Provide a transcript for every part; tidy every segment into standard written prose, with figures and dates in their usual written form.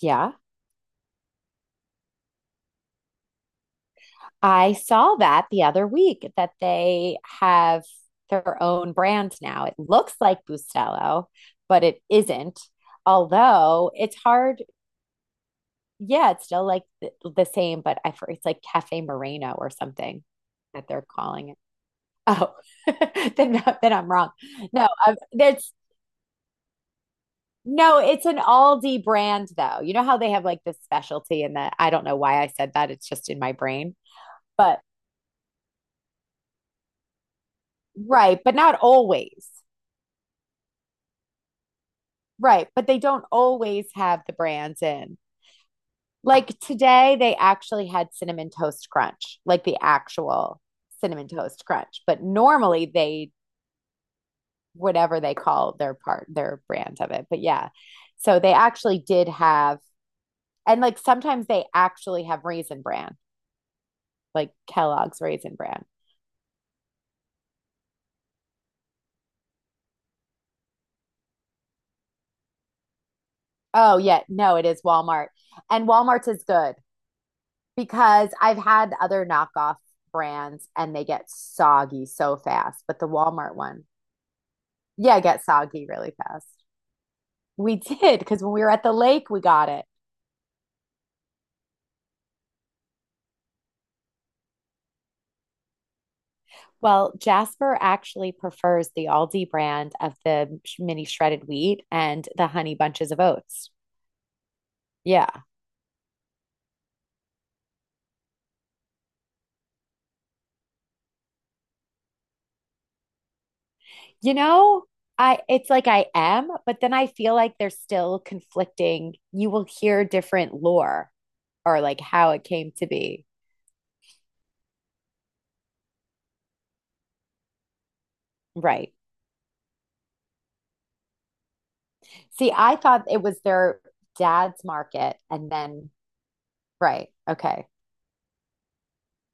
Yeah. I saw that the other week that they have their own brand now. It looks like Bustelo, but it isn't. Although it's hard. Yeah, it's still like the same, but I for it's like Cafe Moreno or something that they're calling it. Oh, then I'm wrong. No, I that's no, it's an Aldi brand though. You know how they have like this specialty and that I don't know why I said that. It's just in my brain. But right, but not always. Right, but they don't always have the brands in. Like today, they actually had cinnamon toast crunch, like the actual cinnamon toast crunch. But normally, they whatever they call their part, their brand of it. But yeah, so they actually did have, and like sometimes they actually have raisin bran, like Kellogg's raisin bran. Oh yeah, no, it is Walmart, and Walmart's is good because I've had other knockoff brands and they get soggy so fast, but the Walmart one. Yeah, get soggy really fast. We did because when we were at the lake, we got it. Well, Jasper actually prefers the Aldi brand of the mini shredded wheat and the honey bunches of oats. Yeah. You know, I it's like I am, but then I feel like there's still conflicting. You will hear different lore or like how it came to be. Right. See, I thought it was their dad's market and then right. Okay.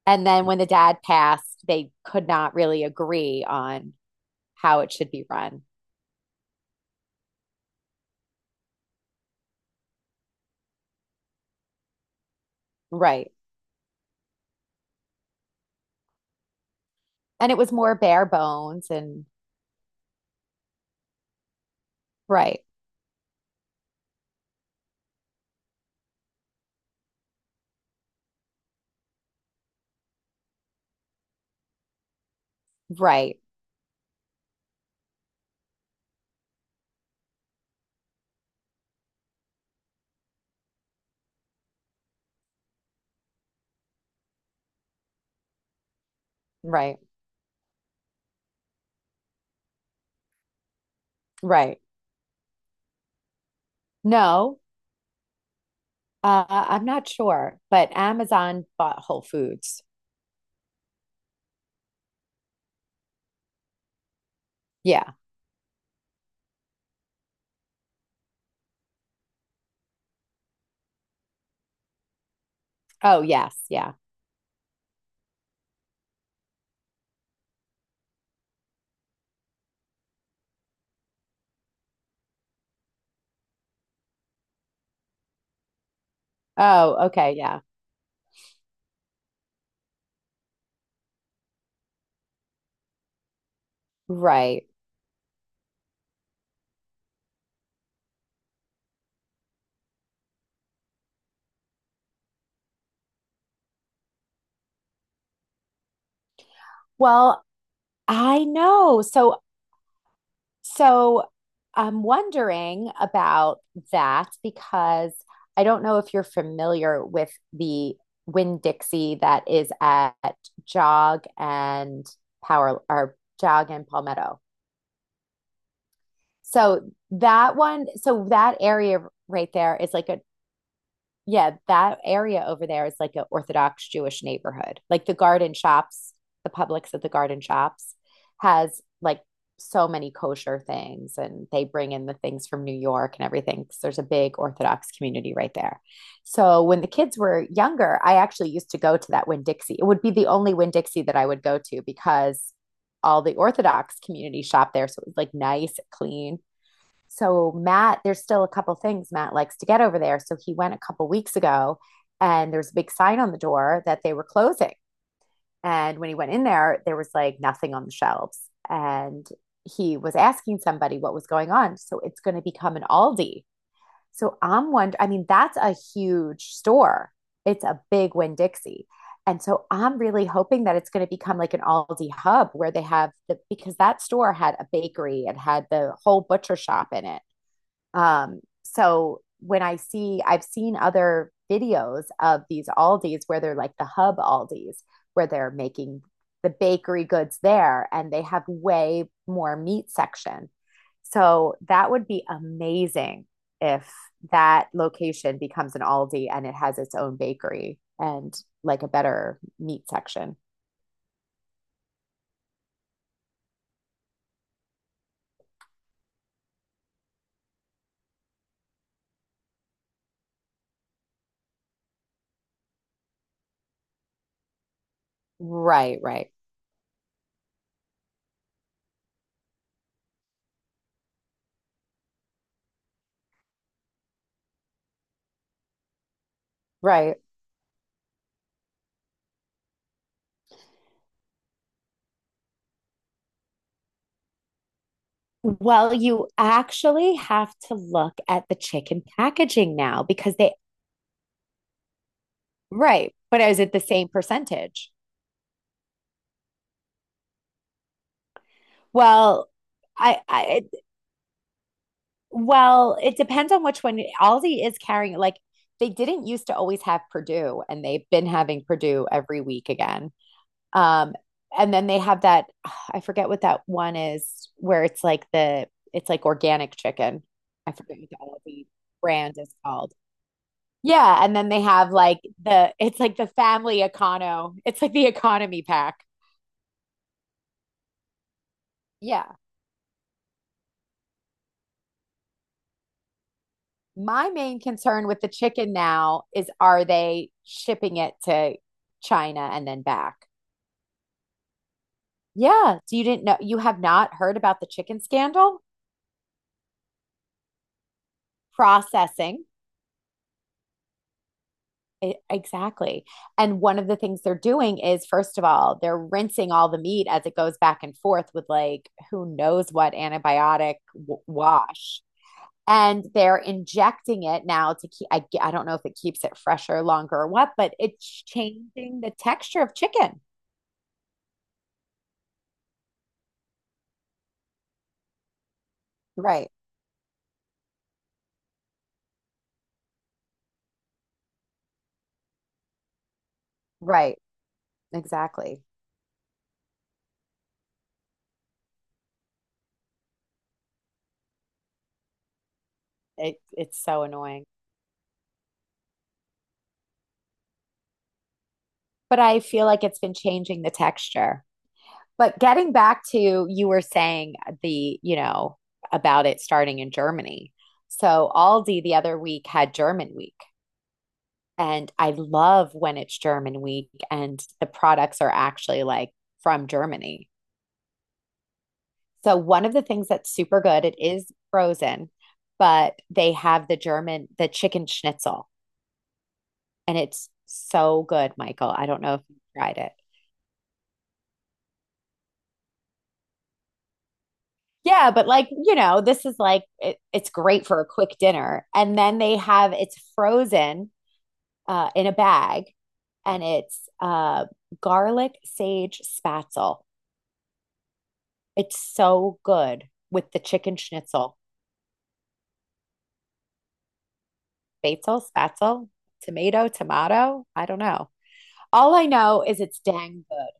And then when the dad passed, they could not really agree on how it should be run. Right. And it was more bare bones and right, right, right, right. No, I'm not sure, but Amazon bought Whole Foods. Yeah. Oh, yes. Yeah. Oh, okay. Yeah. Right. Well, I know. So I'm wondering about that because I don't know if you're familiar with the Winn-Dixie that is at Jog and Power or Jog and Palmetto. So that area right there is like a yeah, that area over there is like an Orthodox Jewish neighborhood. Like the garden shops, the Publix at the garden shops has like so many kosher things and they bring in the things from New York and everything, 'cause there's a big Orthodox community right there. So when the kids were younger, I actually used to go to that Winn-Dixie. It would be the only Winn-Dixie that I would go to because all the Orthodox community shop there. So it was like nice, clean. So Matt, there's still a couple things Matt likes to get over there. So he went a couple weeks ago and there was a big sign on the door that they were closing. And when he went in there, there was like nothing on the shelves. And he was asking somebody what was going on. So it's going to become an Aldi. So I'm wondering, I mean, that's a huge store. It's a big Winn Dixie. And so I'm really hoping that it's going to become like an Aldi hub where they have because that store had a bakery, and had the whole butcher shop in it. So when I've seen other videos of these Aldis where they're like the hub Aldis, where they're making the bakery goods there and they have way more meat section. So that would be amazing if that location becomes an Aldi and it has its own bakery and like a better meat section. Right, right, right. Well, you actually have to look at the chicken packaging now because they Right. But is it the same percentage? Well, I, I, it depends on which one. Aldi is carrying, like, they didn't used to always have Purdue, and they've been having Purdue every week again. Um, and then they have that, I forget what that one is, where it's like it's like organic chicken. I forget what the Aldi brand is called. Yeah. And then they have like it's like the family econo, it's like the economy pack. Yeah. My main concern with the chicken now is are they shipping it to China and then back? Yeah. So you didn't know, you have not heard about the chicken scandal? Processing. Exactly. And one of the things they're doing is, first of all, they're rinsing all the meat as it goes back and forth with like who knows what antibiotic wash. And they're injecting it now to keep, I don't know if it keeps it fresher, longer, or what, but it's changing the texture of chicken. Right. Right, exactly. It's so annoying. But I feel like it's been changing the texture. But getting back to you were saying the, you know, about it starting in Germany. So Aldi the other week had German week. And I love when it's German week and the products are actually like from Germany. So one of the things that's super good, it is frozen, but they have the German, the chicken schnitzel and it's so good, Michael. I don't know if you tried it. Yeah, but like, you know, this is like it's great for a quick dinner. And then they have it's frozen in a bag and it's garlic sage spatzel. It's so good with the chicken schnitzel. Basil, spatzel, tomato, tomato. I don't know. All I know is it's dang good.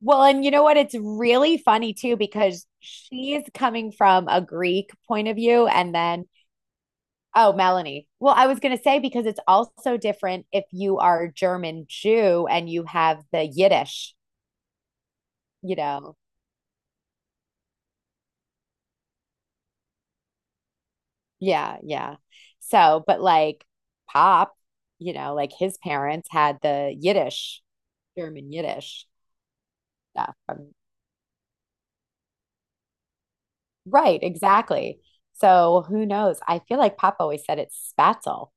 Well, and you know what? It's really funny too because she's coming from a Greek point of view. And then, oh, Melanie. Well, I was going to say because it's also different if you are German Jew and you have the Yiddish, you know? Yeah, yeah. So, but like Pop, you know, like his parents had the Yiddish, German Yiddish stuff. Right, exactly. So who knows? I feel like Pop always said it's spatzel.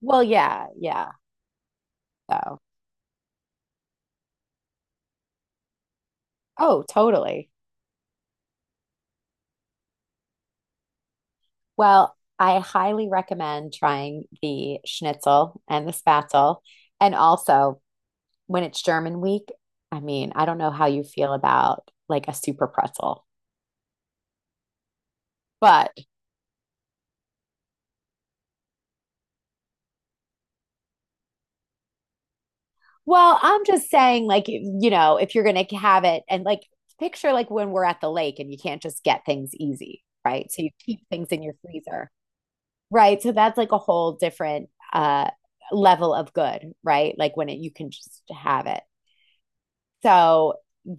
Well, yeah, yeah. So. Oh, totally. Well, I highly recommend trying the schnitzel and the spatzel. And also, when it's German week, I mean, I don't know how you feel about like a super pretzel, but well, I'm just saying, like, you know, if you're going to have it and like picture like when we're at the lake and you can't just get things easy, right? So you keep things in your freezer, right? So that's like a whole different level of good, right? Like when it, you can just have it. So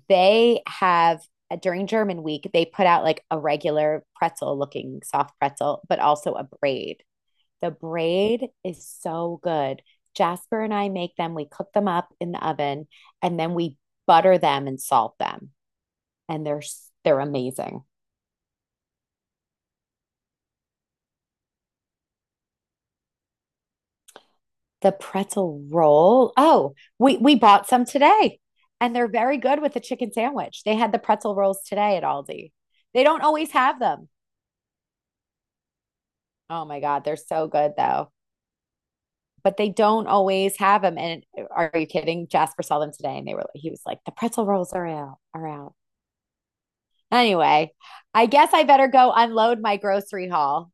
they have during German week, they put out like a regular pretzel looking soft pretzel, but also a braid. The braid is so good. Jasper and I make them, we cook them up in the oven, and then we butter them and salt them. And they're amazing. The pretzel roll. Oh, we bought some today. And they're very good with the chicken sandwich. They had the pretzel rolls today at Aldi. They don't always have them. Oh my God, they're so good though. But they don't always have them. And are you kidding? Jasper saw them today and they were, he was like, the pretzel rolls are out, are out. Anyway, I guess I better go unload my grocery haul.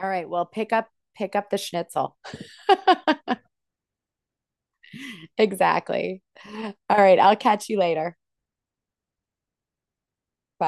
All right. Well, pick up the schnitzel. Exactly. All right. I'll catch you later.